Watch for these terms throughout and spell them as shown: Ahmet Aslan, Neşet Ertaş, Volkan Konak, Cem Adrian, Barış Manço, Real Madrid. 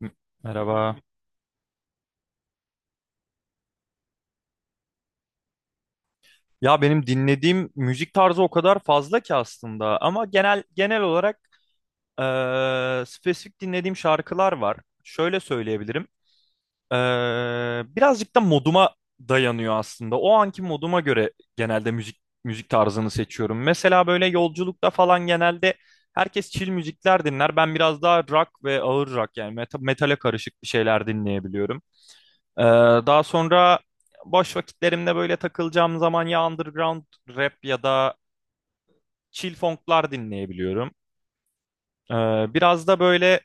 M- Merhaba. Ya benim dinlediğim müzik tarzı o kadar fazla ki aslında ama genel olarak spesifik dinlediğim şarkılar var. Şöyle söyleyebilirim. Birazcık da moduma dayanıyor aslında. O anki moduma göre genelde müzik tarzını seçiyorum. Mesela böyle yolculukta falan genelde herkes chill müzikler dinler. Ben biraz daha rock ve ağır rock yani metale karışık bir şeyler dinleyebiliyorum. Ee, Daha sonra boş vakitlerimde böyle takılacağım zaman ya underground rap ya da chill funklar dinleyebiliyorum. Ee, Biraz da böyle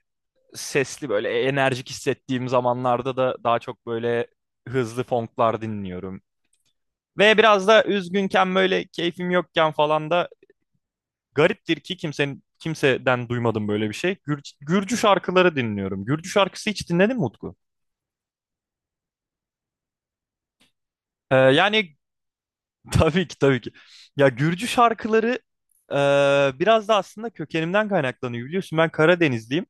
sesli böyle enerjik hissettiğim zamanlarda da daha çok böyle hızlı funklar dinliyorum. Ve biraz da üzgünken böyle keyfim yokken falan da gariptir ki kimsenin kimseden duymadım böyle bir şey. Gürcü şarkıları dinliyorum. Gürcü şarkısı hiç dinledin mi Utku? Yani tabii ki tabii ki. Ya Gürcü şarkıları e, biraz da aslında kökenimden kaynaklanıyor biliyorsun. Ben Karadenizliyim.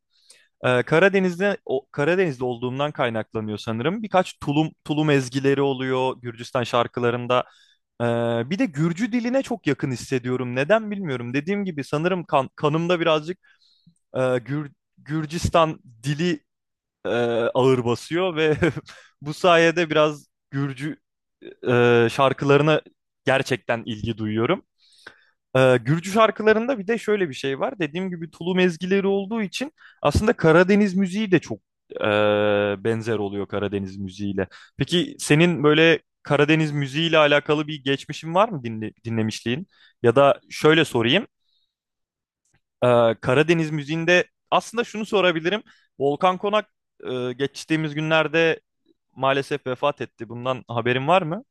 E, Karadeniz'de olduğumdan kaynaklanıyor sanırım. Birkaç tulum ezgileri oluyor Gürcistan şarkılarında. E, bir de Gürcü diline çok yakın hissediyorum. Neden bilmiyorum. Dediğim gibi sanırım kanımda birazcık e, Gür- Gürcistan dili e, ağır basıyor ve bu sayede biraz Gürcü şarkılarına gerçekten ilgi duyuyorum. Gürcü şarkılarında bir de şöyle bir şey var. Dediğim gibi tulum ezgileri olduğu için aslında Karadeniz müziği de çok e, benzer oluyor Karadeniz müziğiyle. Peki senin böyle Karadeniz müziğiyle alakalı bir geçmişin var mı dinlemişliğin? Ya da şöyle sorayım. Ee, Karadeniz müziğinde aslında şunu sorabilirim. Volkan Konak geçtiğimiz günlerde maalesef vefat etti. Bundan haberin var mı?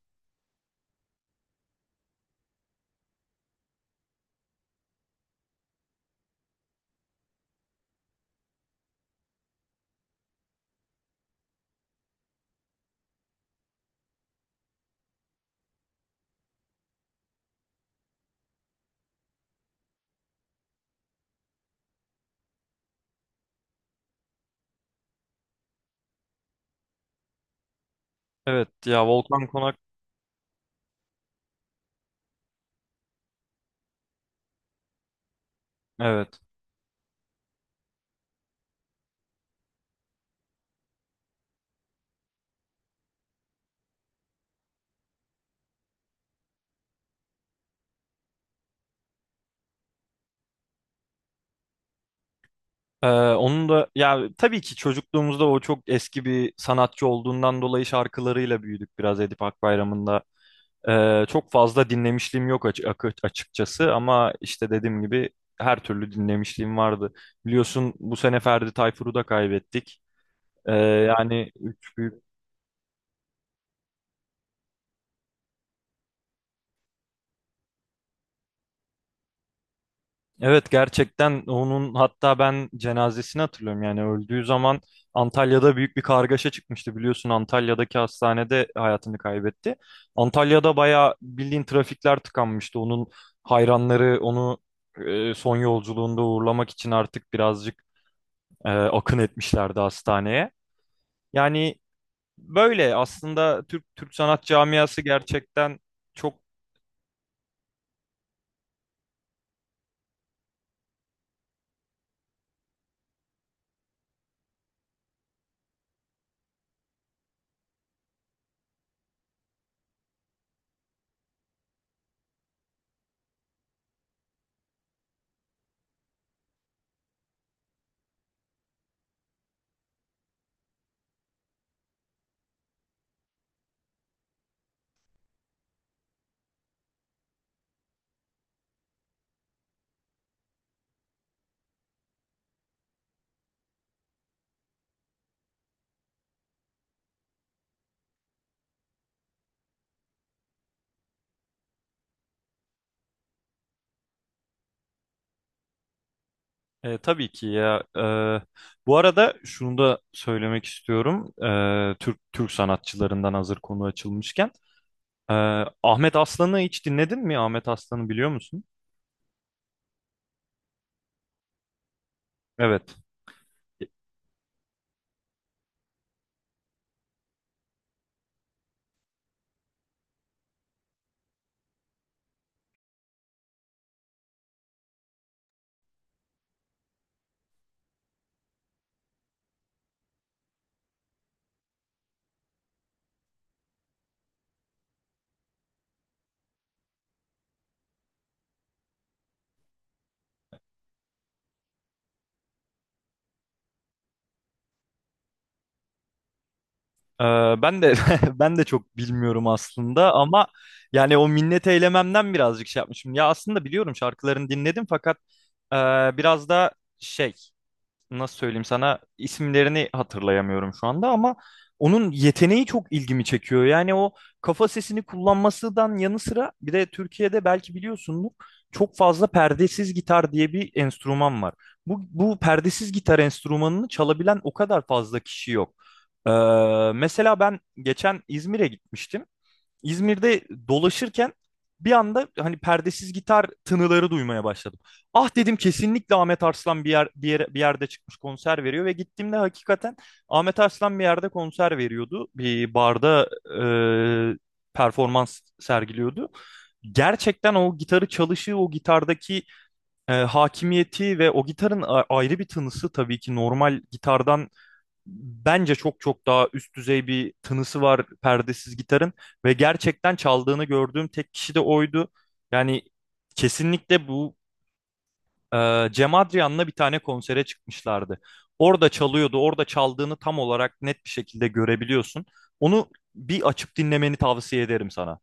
Evet ya Volkan Konak. Evet. Ee, Onun da ya tabii ki çocukluğumuzda o çok eski bir sanatçı olduğundan dolayı şarkılarıyla büyüdük biraz Edip Akbayram'ın da. Çok fazla dinlemişliğim yok açıkçası ama işte dediğim gibi her türlü dinlemişliğim vardı. Biliyorsun bu sene Ferdi Tayfur'u da kaybettik. Ee, yani üç, Evet gerçekten onun hatta ben cenazesini hatırlıyorum yani öldüğü zaman Antalya'da büyük bir kargaşa çıkmıştı biliyorsun Antalya'daki hastanede hayatını kaybetti. Antalya'da bayağı bildiğin trafikler tıkanmıştı onun hayranları onu son yolculuğunda uğurlamak için artık birazcık akın etmişlerdi hastaneye. Yani böyle aslında Türk sanat camiası gerçekten çok. E, tabii ki ya. E, bu arada şunu da söylemek istiyorum. E, Türk sanatçılarından hazır konu açılmışken. E, Ahmet Aslan'ı hiç dinledin mi? Ahmet Aslan'ı biliyor musun? Evet. Ee, ben de ben de çok bilmiyorum aslında ama yani o minnet eylememden birazcık şey yapmışım. Ya aslında biliyorum şarkılarını dinledim fakat e, biraz da şey nasıl söyleyeyim sana isimlerini hatırlayamıyorum şu anda ama onun yeteneği çok ilgimi çekiyor. Yani o kafa sesini kullanmasından yanı sıra bir de Türkiye'de belki biliyorsunuz çok fazla perdesiz gitar diye bir enstrüman var. Bu perdesiz gitar enstrümanını çalabilen o kadar fazla kişi yok. Ee, Mesela ben geçen İzmir'e gitmiştim. İzmir'de dolaşırken bir anda hani perdesiz gitar tınıları duymaya başladım. Ah dedim kesinlikle Ahmet Arslan bir yerde çıkmış konser veriyor ve gittiğimde hakikaten Ahmet Arslan bir yerde konser veriyordu. Bir barda e, performans sergiliyordu. Gerçekten o gitarı çalışı, o gitardaki hakimiyeti ve o gitarın ayrı bir tınısı tabii ki normal gitardan bence çok çok daha üst düzey bir tınısı var perdesiz gitarın ve gerçekten çaldığını gördüğüm tek kişi de oydu. Yani kesinlikle bu Cem Adrian'la bir tane konsere çıkmışlardı. Orada çalıyordu, orada çaldığını tam olarak net bir şekilde görebiliyorsun. Onu bir açıp dinlemeni tavsiye ederim sana.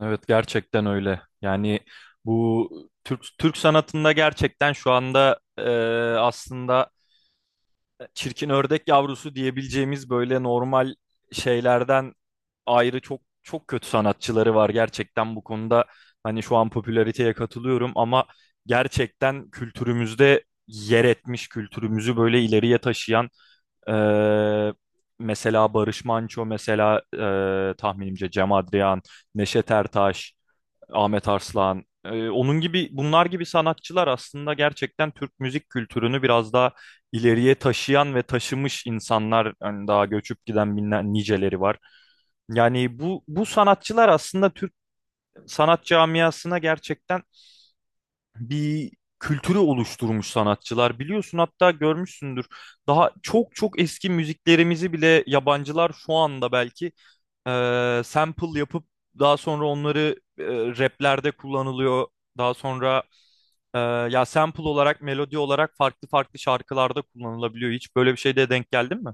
Evet gerçekten öyle. Yani bu Türk sanatında gerçekten şu anda aslında çirkin ördek yavrusu diyebileceğimiz böyle normal şeylerden ayrı çok çok kötü sanatçıları var gerçekten bu konuda. Hani şu an popülariteye katılıyorum ama gerçekten kültürümüzde yer etmiş, kültürümüzü böyle ileriye taşıyan eee, mesela Barış Manço, mesela tahminimce Cem Adrian, Neşet Ertaş, Ahmet Arslan. Onun gibi bunlar gibi sanatçılar aslında gerçekten Türk müzik kültürünü biraz daha ileriye taşıyan ve taşımış insanlar hani daha göçüp giden binler niceleri var. Yani bu sanatçılar aslında Türk sanat camiasına gerçekten bir kültürü oluşturmuş sanatçılar. Biliyorsun hatta görmüşsündür. Daha çok çok eski müziklerimizi bile yabancılar şu anda belki sample yapıp daha sonra onları raplerde kullanılıyor. Daha sonra e, ya sample olarak melodi olarak farklı farklı şarkılarda kullanılabiliyor. Hiç böyle bir şeyde denk geldin mi?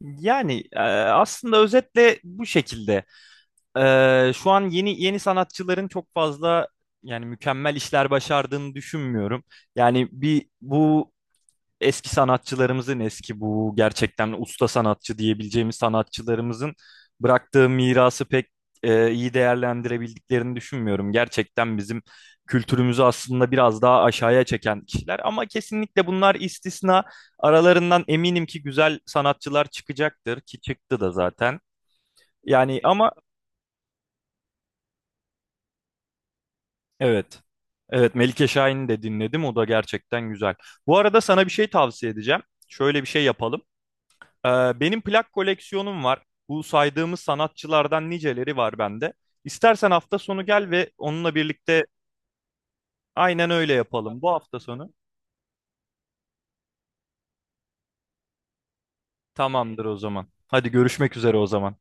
Yani aslında özetle bu şekilde. E, şu an yeni yeni sanatçıların çok fazla yani mükemmel işler başardığını düşünmüyorum. Yani bir bu eski sanatçılarımızın eski bu gerçekten usta sanatçı diyebileceğimiz sanatçılarımızın bıraktığı mirası pek iyi değerlendirebildiklerini düşünmüyorum. Gerçekten bizim kültürümüzü aslında biraz daha aşağıya çeken kişiler ama kesinlikle bunlar istisna. Aralarından eminim ki güzel sanatçılar çıkacaktır ki çıktı da zaten. Yani ama evet. Evet Melike Şahin'i de dinledim. O da gerçekten güzel. Bu arada sana bir şey tavsiye edeceğim. Şöyle bir şey yapalım. Benim plak koleksiyonum var. Bu saydığımız sanatçılardan niceleri var bende. İstersen hafta sonu gel ve onunla birlikte aynen öyle yapalım. Bu hafta sonu tamamdır o zaman. Hadi görüşmek üzere o zaman.